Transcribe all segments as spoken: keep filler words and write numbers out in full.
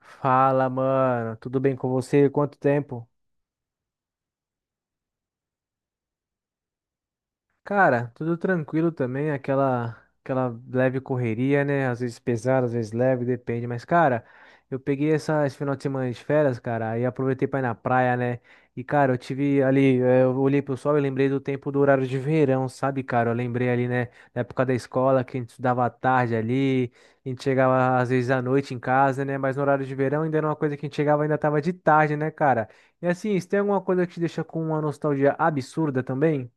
Fala, mano. Tudo bem com você? Quanto tempo? Cara, tudo tranquilo também, aquela aquela leve correria, né? Às vezes pesada, às vezes leve, depende. Mas, cara, eu peguei essa, esse final de semana de férias, cara, e aproveitei pra ir na praia, né? E, cara, eu tive ali, eh, eu olhei pro sol e lembrei do tempo do horário de verão, sabe, cara? Eu lembrei ali, né, da época da escola, que a gente estudava à tarde ali, a gente chegava às vezes à noite em casa, né? Mas no horário de verão ainda era uma coisa que a gente chegava e ainda tava de tarde, né, cara? E assim, se tem alguma coisa que te deixa com uma nostalgia absurda também?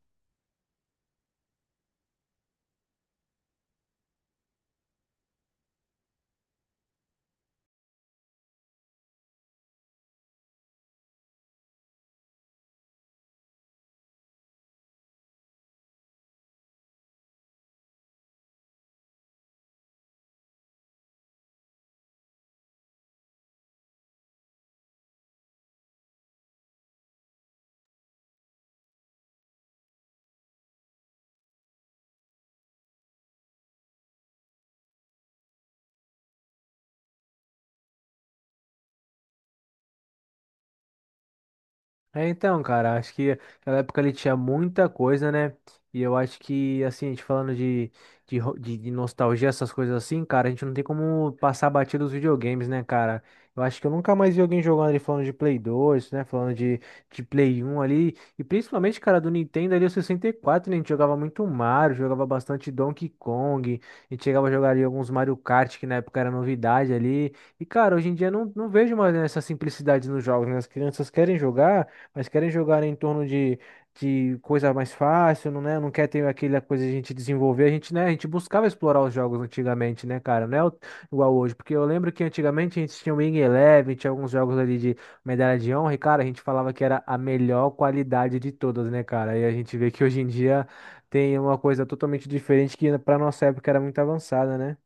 É, então, cara, acho que naquela época ele tinha muita coisa, né? E eu acho que, assim, a gente falando de, de, ro- de- de nostalgia, essas coisas assim, cara, a gente não tem como passar batido os videogames, né, cara? Eu acho que eu nunca mais vi alguém jogando ali falando de Play dois, né? Falando de, de Play um ali. E principalmente, cara, do Nintendo ali, o sessenta e quatro, né? A gente jogava muito Mario, jogava bastante Donkey Kong. A gente chegava a jogar ali alguns Mario Kart, que na época era novidade ali. E, cara, hoje em dia eu não, não vejo mais né, essa simplicidade nos jogos, né? As crianças querem jogar. Mas querem jogar em torno de, de coisa mais fácil, não, né? Não quer ter aquela coisa de a gente desenvolver. A gente, né? A gente buscava explorar os jogos antigamente, né, cara? Não é o- igual hoje. Porque eu lembro que antigamente a gente tinha o Wing Eleven, tinha alguns jogos ali de medalha de honra, e, cara, a gente falava que era a melhor qualidade de todas, né, cara? E a gente vê que hoje em dia tem uma coisa totalmente diferente que pra nossa época era muito avançada, né?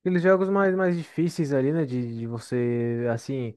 Aqueles jogos mais, mais difíceis ali, né? De, de você, assim.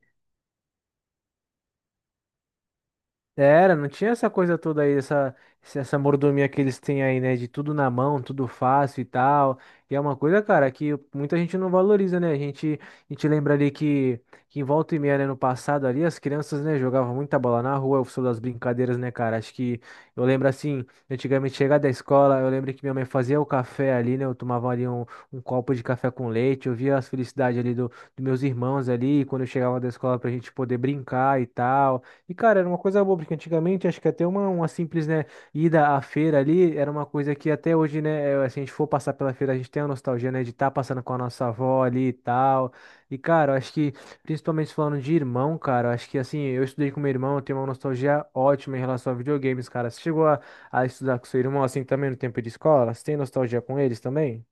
Era, não tinha essa coisa toda aí, essa, esse- essa mordomia que eles têm aí, né? De tudo na mão, tudo fácil e tal. E é uma coisa, cara, que muita gente não valoriza, né? A gente, a gente lembra ali que, que em volta e meia, né, no passado ali, as crianças, né, jogavam muita bola na rua, o som das brincadeiras, né, cara? Acho que eu lembro assim, antigamente chegar da escola, eu lembro que minha mãe fazia o café ali, né? Eu tomava ali um, um copo de café com leite, eu via as felicidades ali do, dos meus irmãos ali, quando eu chegava da escola pra gente poder brincar e tal. E, cara, era uma coisa boa, porque antigamente acho que até uma, uma simples, né, ida à feira ali era uma coisa que até hoje, né, é, se a gente for passar pela feira, a gente tem a nostalgia, né, de estar passando com a nossa avó ali e tal. E, cara, eu acho que, principalmente falando de irmão, cara, eu acho que, assim, eu estudei com meu irmão, eu tenho uma nostalgia ótima em relação a videogames, cara. Você chegou a, a estudar com seu irmão, assim, também no tempo de escola? Você tem nostalgia com eles também?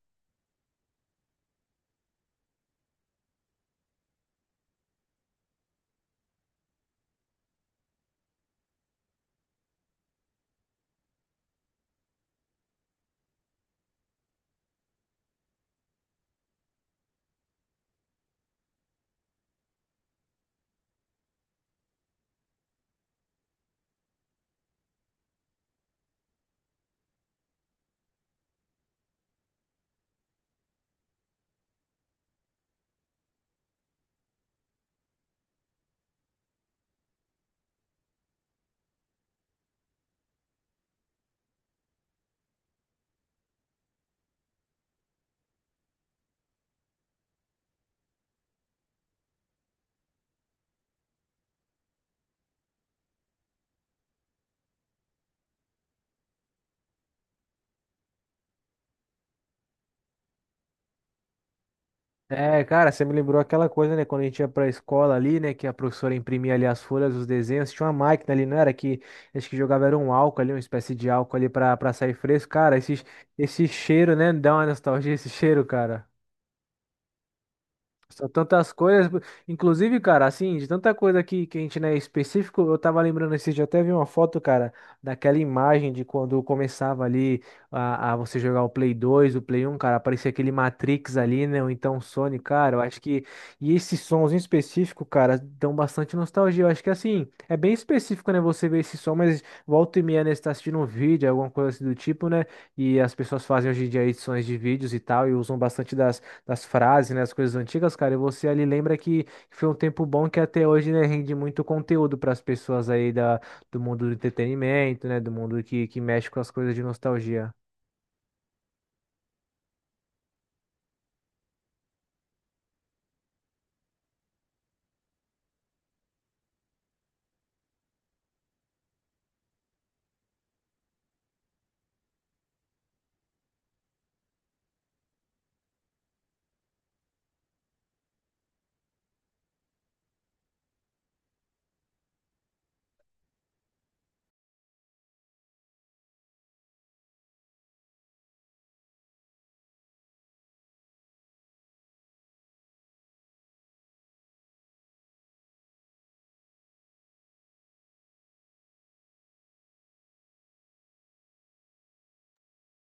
É, cara, você me lembrou aquela coisa, né? Quando a gente ia pra escola ali, né? Que a professora imprimia ali as folhas, os desenhos. Tinha uma máquina ali, não era? Que acho que jogava era um álcool ali, uma espécie de álcool ali pra, pra sair fresco. Cara, esse, esse cheiro, né? Dá uma nostalgia esse cheiro, cara. São tantas coisas, inclusive, cara, assim, de tanta coisa que, que a gente não é específico, eu tava lembrando esse dia, eu até vi uma foto, cara, daquela imagem de quando começava ali a, a você jogar o Play dois, o Play um, cara, aparecia aquele Matrix ali, né, ou então o Sony, cara, eu acho que, e esses sons em específico, cara, dão bastante nostalgia, eu acho que, assim, é bem específico, né, você ver esse som, mas volta e meia, né, você tá assistindo um vídeo, alguma coisa assim do tipo, né, e as pessoas fazem hoje em dia edições de vídeos e tal, e usam bastante das das frases, né, as coisas antigas, cara, e você ali lembra que foi um tempo bom que até hoje, né, rende muito conteúdo para as pessoas aí da, do mundo do entretenimento, né, do mundo que, que mexe com as coisas de nostalgia.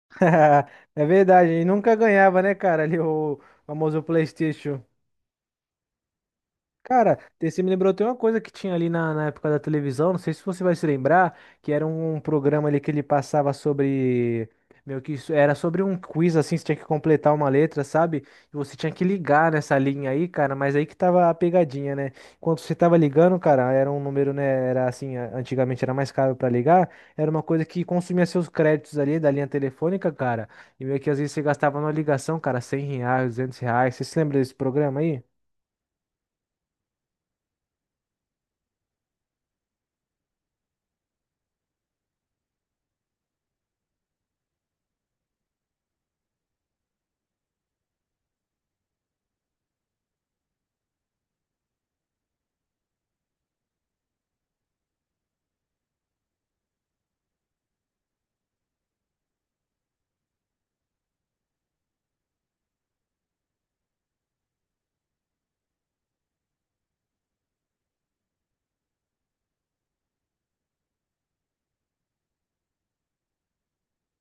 É verdade, e nunca ganhava, né, cara, ali o famoso PlayStation. Cara, você me lembrou até uma coisa que tinha ali na, na época da televisão, não sei se você vai se lembrar, que era um um programa ali que ele passava sobre, meio que isso, era sobre um quiz assim, você tinha que completar uma letra, sabe? E você tinha que ligar nessa linha aí, cara, mas aí que tava a pegadinha, né? Enquanto você tava ligando, cara, era um número, né, era assim, a- antigamente era mais caro pra ligar, era uma coisa que consumia seus créditos ali da linha telefônica, cara, e meio que às vezes você gastava numa ligação, cara, cem reais, duzentos reais, você se lembra desse programa aí?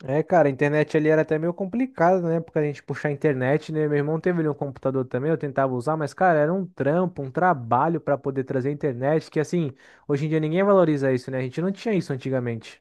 É, cara, a internet ali era até meio complicado, né? Porque a gente puxar a internet, né? Meu irmão teve ali um computador também, eu tentava usar, mas, cara, era um trampo, um trabalho pra poder trazer a internet, que assim, hoje em dia ninguém valoriza isso, né? A gente não tinha isso antigamente.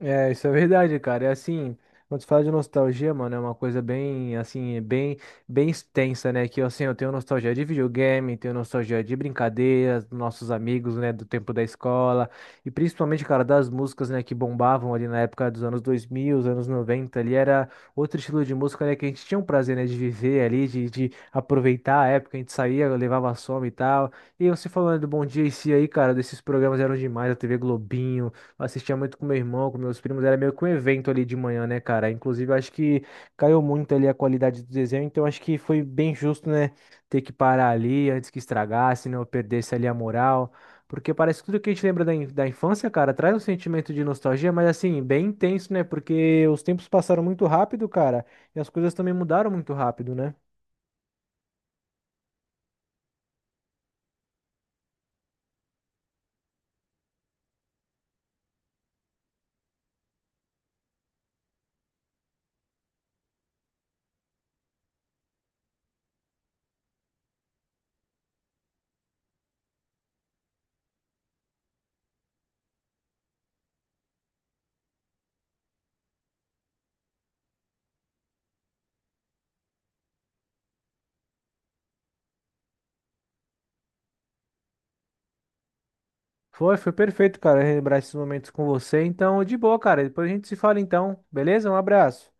É, isso é verdade, cara. É assim, quando se fala de nostalgia, mano, é uma coisa bem, assim, bem, bem extensa, né? Que, assim, eu tenho nostalgia de videogame, tenho nostalgia de brincadeiras, dos nossos amigos, né, do tempo da escola, e principalmente, cara, das músicas, né, que bombavam ali na época dos anos dois mil, os anos noventa, ali era outro estilo de música, né, que a gente tinha um prazer, né, de viver ali, de, de aproveitar a época, a gente saía, levava som e tal. E você falando do Bom Dia e Si aí, cara, desses programas eram demais, a T V Globinho, eu assistia muito com meu irmão, com meus primos, era meio que um evento ali de manhã, né, cara? Inclusive, eu acho que caiu muito ali a qualidade do desenho, então acho que foi bem justo, né, ter que parar ali antes que estragasse, né, ou perdesse ali a moral. Porque parece que tudo que a gente lembra da, in- da infância, cara, traz um sentimento de nostalgia, mas assim, bem intenso, né? Porque os tempos passaram muito rápido, cara, e as coisas também mudaram muito rápido, né? Foi, foi perfeito, cara, relembrar esses momentos com você. Então, de boa, cara. Depois a gente se fala então, beleza? Um abraço.